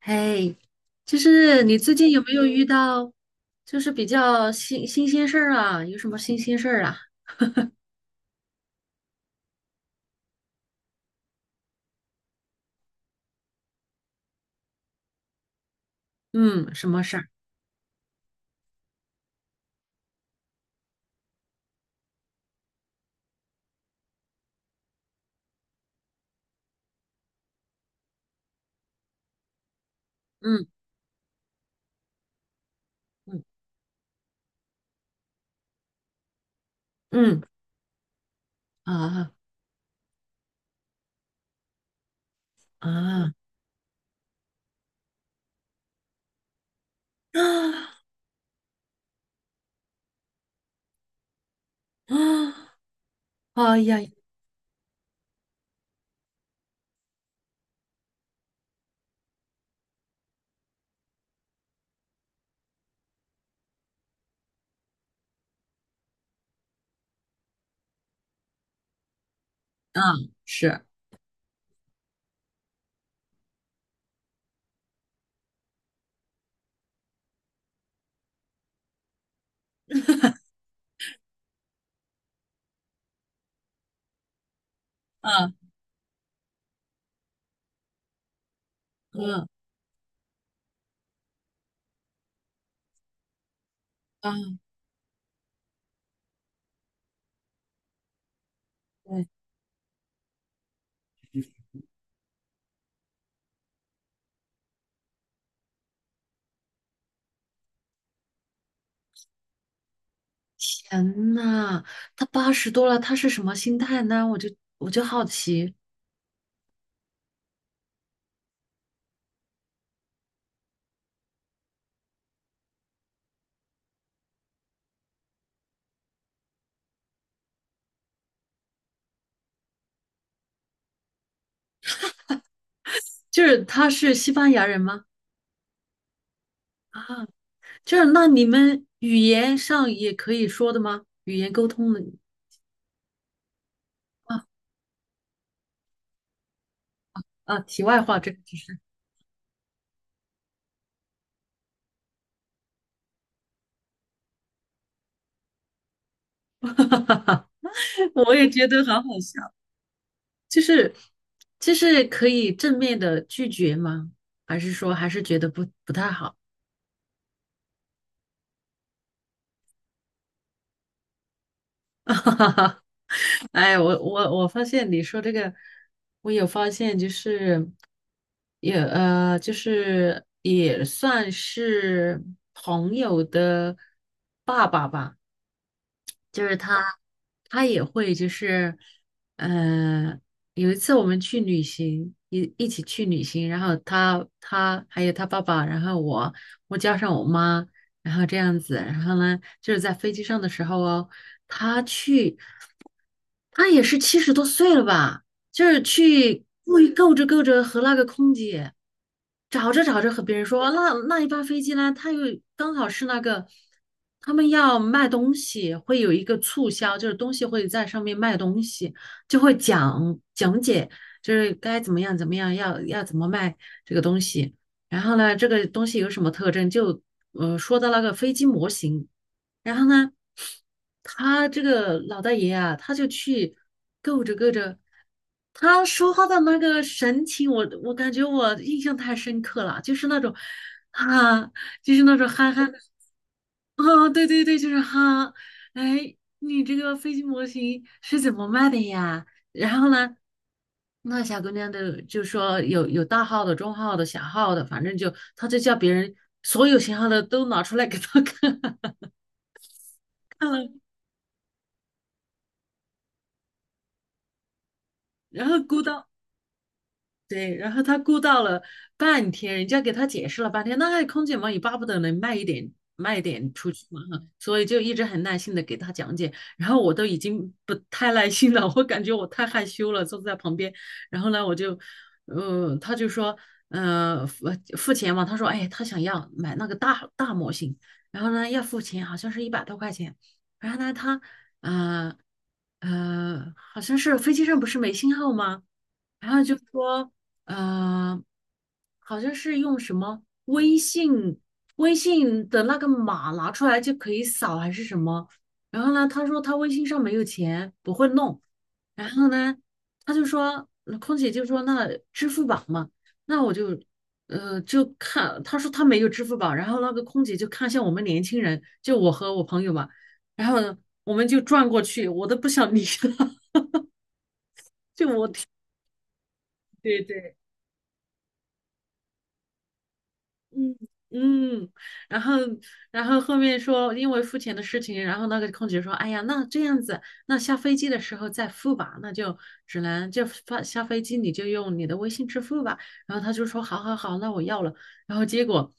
嘿，就是你最近有没有遇到，就是比较新鲜事儿啊？有什么新鲜事儿啊？嗯，什么事儿？嗯嗯嗯啊啊啊啊！哎呀，啊是，啊嗯啊，对，天呐，他八十多了，他是什么心态呢？我就好奇，就是他是西班牙人吗？啊，就是那你们语言上也可以说的吗？语言沟通的啊，题外话，这个就是 我也觉得好好笑，就是就是可以正面的拒绝吗？还是说还是觉得不太好？哎，我发现你说这个，我有发现，就是也就是也算是朋友的爸爸吧。就是他，他也会就是，呃，有一次我们去旅行，一起去旅行，然后他还有他爸爸，然后我加上我妈，然后这样子，然后呢，就是在飞机上的时候哦，他去，他也是七十多岁了吧？就是去故意够着够着和那个空姐，找着找着和别人说，那一班飞机呢，它又刚好是那个他们要卖东西，会有一个促销，就是东西会在上面卖东西，就会讲解，就是该怎么样怎么样，要怎么卖这个东西，然后呢，这个东西有什么特征，就说到那个飞机模型。然后呢，他这个老大爷啊，他就去够着够着，他说话的那个神情，我感觉我印象太深刻了，就是那种啊，就是那种憨憨的。啊，对对对，就是哈，哎，你这个飞机模型是怎么卖的呀？然后呢，那小姑娘的就说有大号的、中号的、小号的，反正就她就叫别人所有型号的都拿出来给她看，看了。然后估到，对，然后他估到了半天，人家给他解释了半天，那空姐嘛也巴不得能卖一点卖一点出去嘛哈，所以就一直很耐心的给他讲解，然后我都已经不太耐心了，我感觉我太害羞了，坐在旁边，然后呢我就，他就说，呃，付付钱嘛，他说，哎，他想要买那个大模型，然后呢要付钱，好像是一百多块钱，然后呢他，呃好像是飞机上不是没信号吗？然后就说，呃，好像是用什么微信的那个码拿出来就可以扫还是什么。然后呢，他说他微信上没有钱，不会弄。然后呢，他就说，那空姐就说那支付宝嘛，那我就就看，他说他没有支付宝。然后那个空姐就看向我们年轻人，就我和我朋友嘛。然后呢，我们就转过去，我都不想理他，就我对对。嗯嗯，然后然后后面说因为付钱的事情，然后那个空姐说，哎呀，那这样子，那下飞机的时候再付吧，那就只能就发下飞机你就用你的微信支付吧。然后他就说，好好好，那我要了。然后结果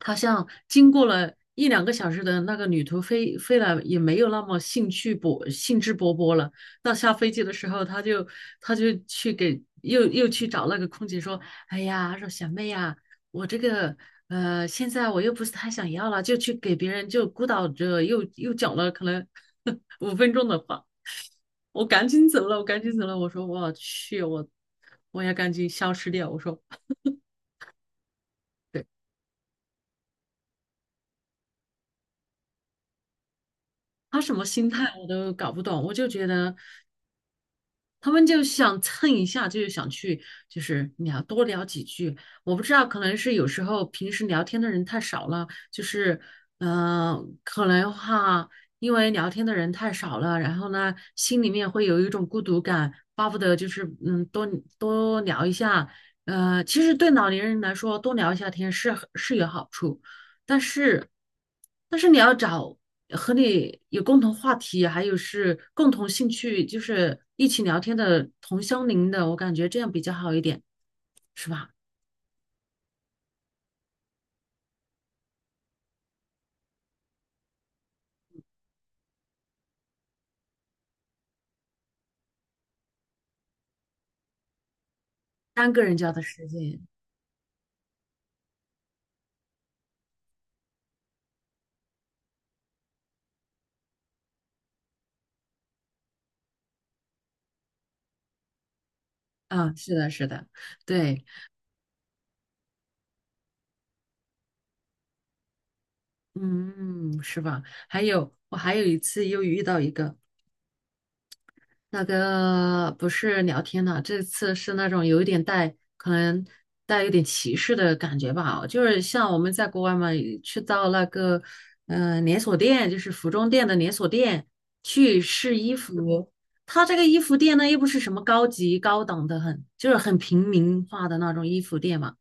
好像经过了一两个小时的那个旅途飞了，也没有那么兴致勃勃了。到下飞机的时候，他就去给又去找那个空姐说，哎呀，说小妹呀。我这个现在我又不是太想要了，就去给别人就孤岛着，又讲了可能 五分钟的话，我赶紧走了，我赶紧走了。我说我去，我要赶紧消失掉。我说，对，他什么心态我都搞不懂，我就觉得。他们就想蹭一下，就是想去，就是聊多聊几句。我不知道，可能是有时候平时聊天的人太少了，就是，嗯、可能哈，因为聊天的人太少了，然后呢，心里面会有一种孤独感，巴不得就是，嗯，多多聊一下。其实对老年人来说，多聊一下天是有好处。但是，但是你要找和你有共同话题，还有是共同兴趣，就是一起聊天的同乡邻的，我感觉这样比较好一点，是吧？单个人交的时间啊，是的，是的，对，嗯，是吧？还有，我还有一次又遇到一个。那个不是聊天的，这次是那种有一点带，可能带有点歧视的感觉吧。就是像我们在国外嘛，去到那个连锁店，就是服装店的连锁店去试衣服，他这个衣服店呢又不是什么高级高档的很，就是很平民化的那种衣服店嘛。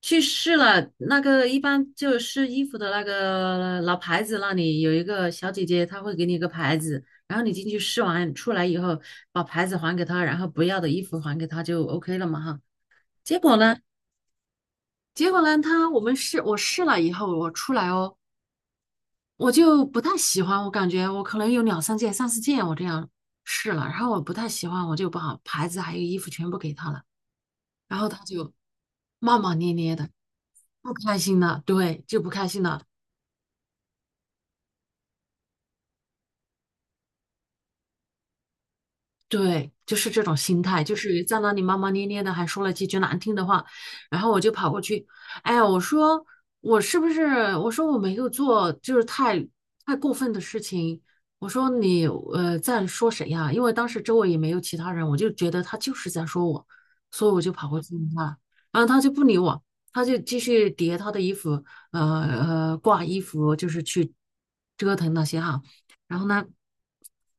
去试了，那个一般就试衣服的那个老牌子那里有一个小姐姐，她会给你一个牌子，然后你进去试完出来以后，把牌子还给她，然后不要的衣服还给她就 OK 了嘛哈。结果呢，结果呢，她我们试我试了以后，我出来哦，我就不太喜欢，我感觉我可能有两三件、三四件我这样试了，然后我不太喜欢，我就把牌子还有衣服全部给她了，然后她就骂骂咧咧的，不开心了，对，就不开心了。对，就是这种心态，就是在那里骂骂咧咧的，还说了几句难听的话，然后我就跑过去，哎呀，我说我是不是？我说我没有做，就是太过分的事情。我说你在说谁呀？因为当时周围也没有其他人，我就觉得他就是在说我，所以我就跑过去问他，然后他就不理我，他就继续叠他的衣服，呃挂衣服，就是去折腾那些哈。然后呢，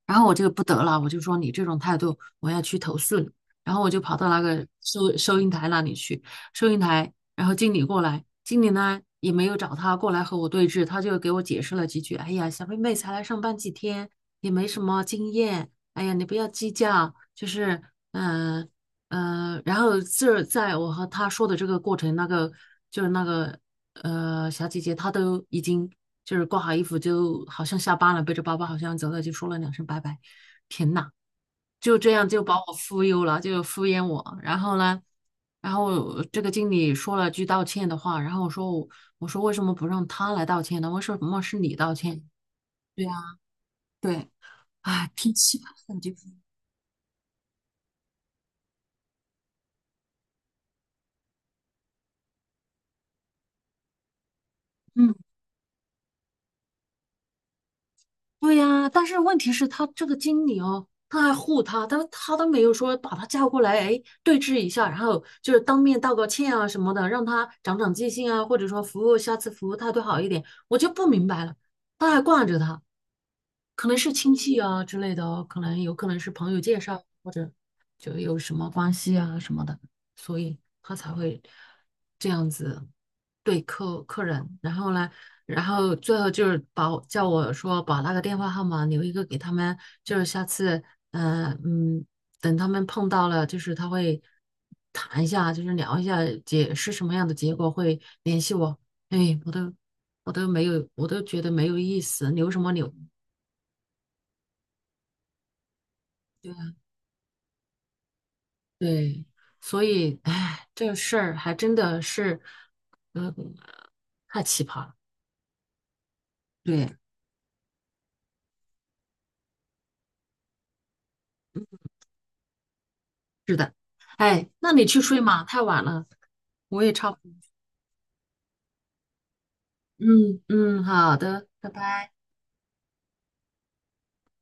然后我就不得了，我就说你这种态度，我要去投诉你。然后我就跑到那个收银台那里去，收银台，然后经理过来，经理呢也没有找他过来和我对峙，他就给我解释了几句。哎呀，小妹妹才来上班几天，也没什么经验，哎呀，你不要计较，就是嗯、呃然后这在我和他说的这个过程，那个就是那个小姐姐，她都已经就是挂好衣服，就好像下班了，背着包包好像走了，就说了两声拜拜。天呐，就这样就把我忽悠了，就敷衍我。然后呢，然后这个经理说了句道歉的话，然后我说我说为什么不让他来道歉呢？为什么是你道歉？对呀，对，哎，脾气吧，感觉，嗯。对呀，但是问题是，他这个经理哦，他还护他，但是他都没有说把他叫过来，哎，对峙一下，然后就是当面道个歉啊什么的，让他长长记性啊，或者说服务下次服务态度好一点，我就不明白了，他还惯着他，可能是亲戚啊之类的哦，可能有可能是朋友介绍，或者就有什么关系啊什么的，所以他才会这样子对客人。然后呢，然后最后就是把我叫我说把那个电话号码留一个给他们，就是下次，嗯、呃嗯，等他们碰到了，就是他会谈一下，就是聊一下解是什么样的结果，会联系我。哎，我都没有，我都觉得没有意思，留什么留？对，所以，哎，这事儿还真的是，嗯，太奇葩了。对，是的。哎，那你去睡嘛，太晚了，我也差不多。嗯嗯，好的，拜拜。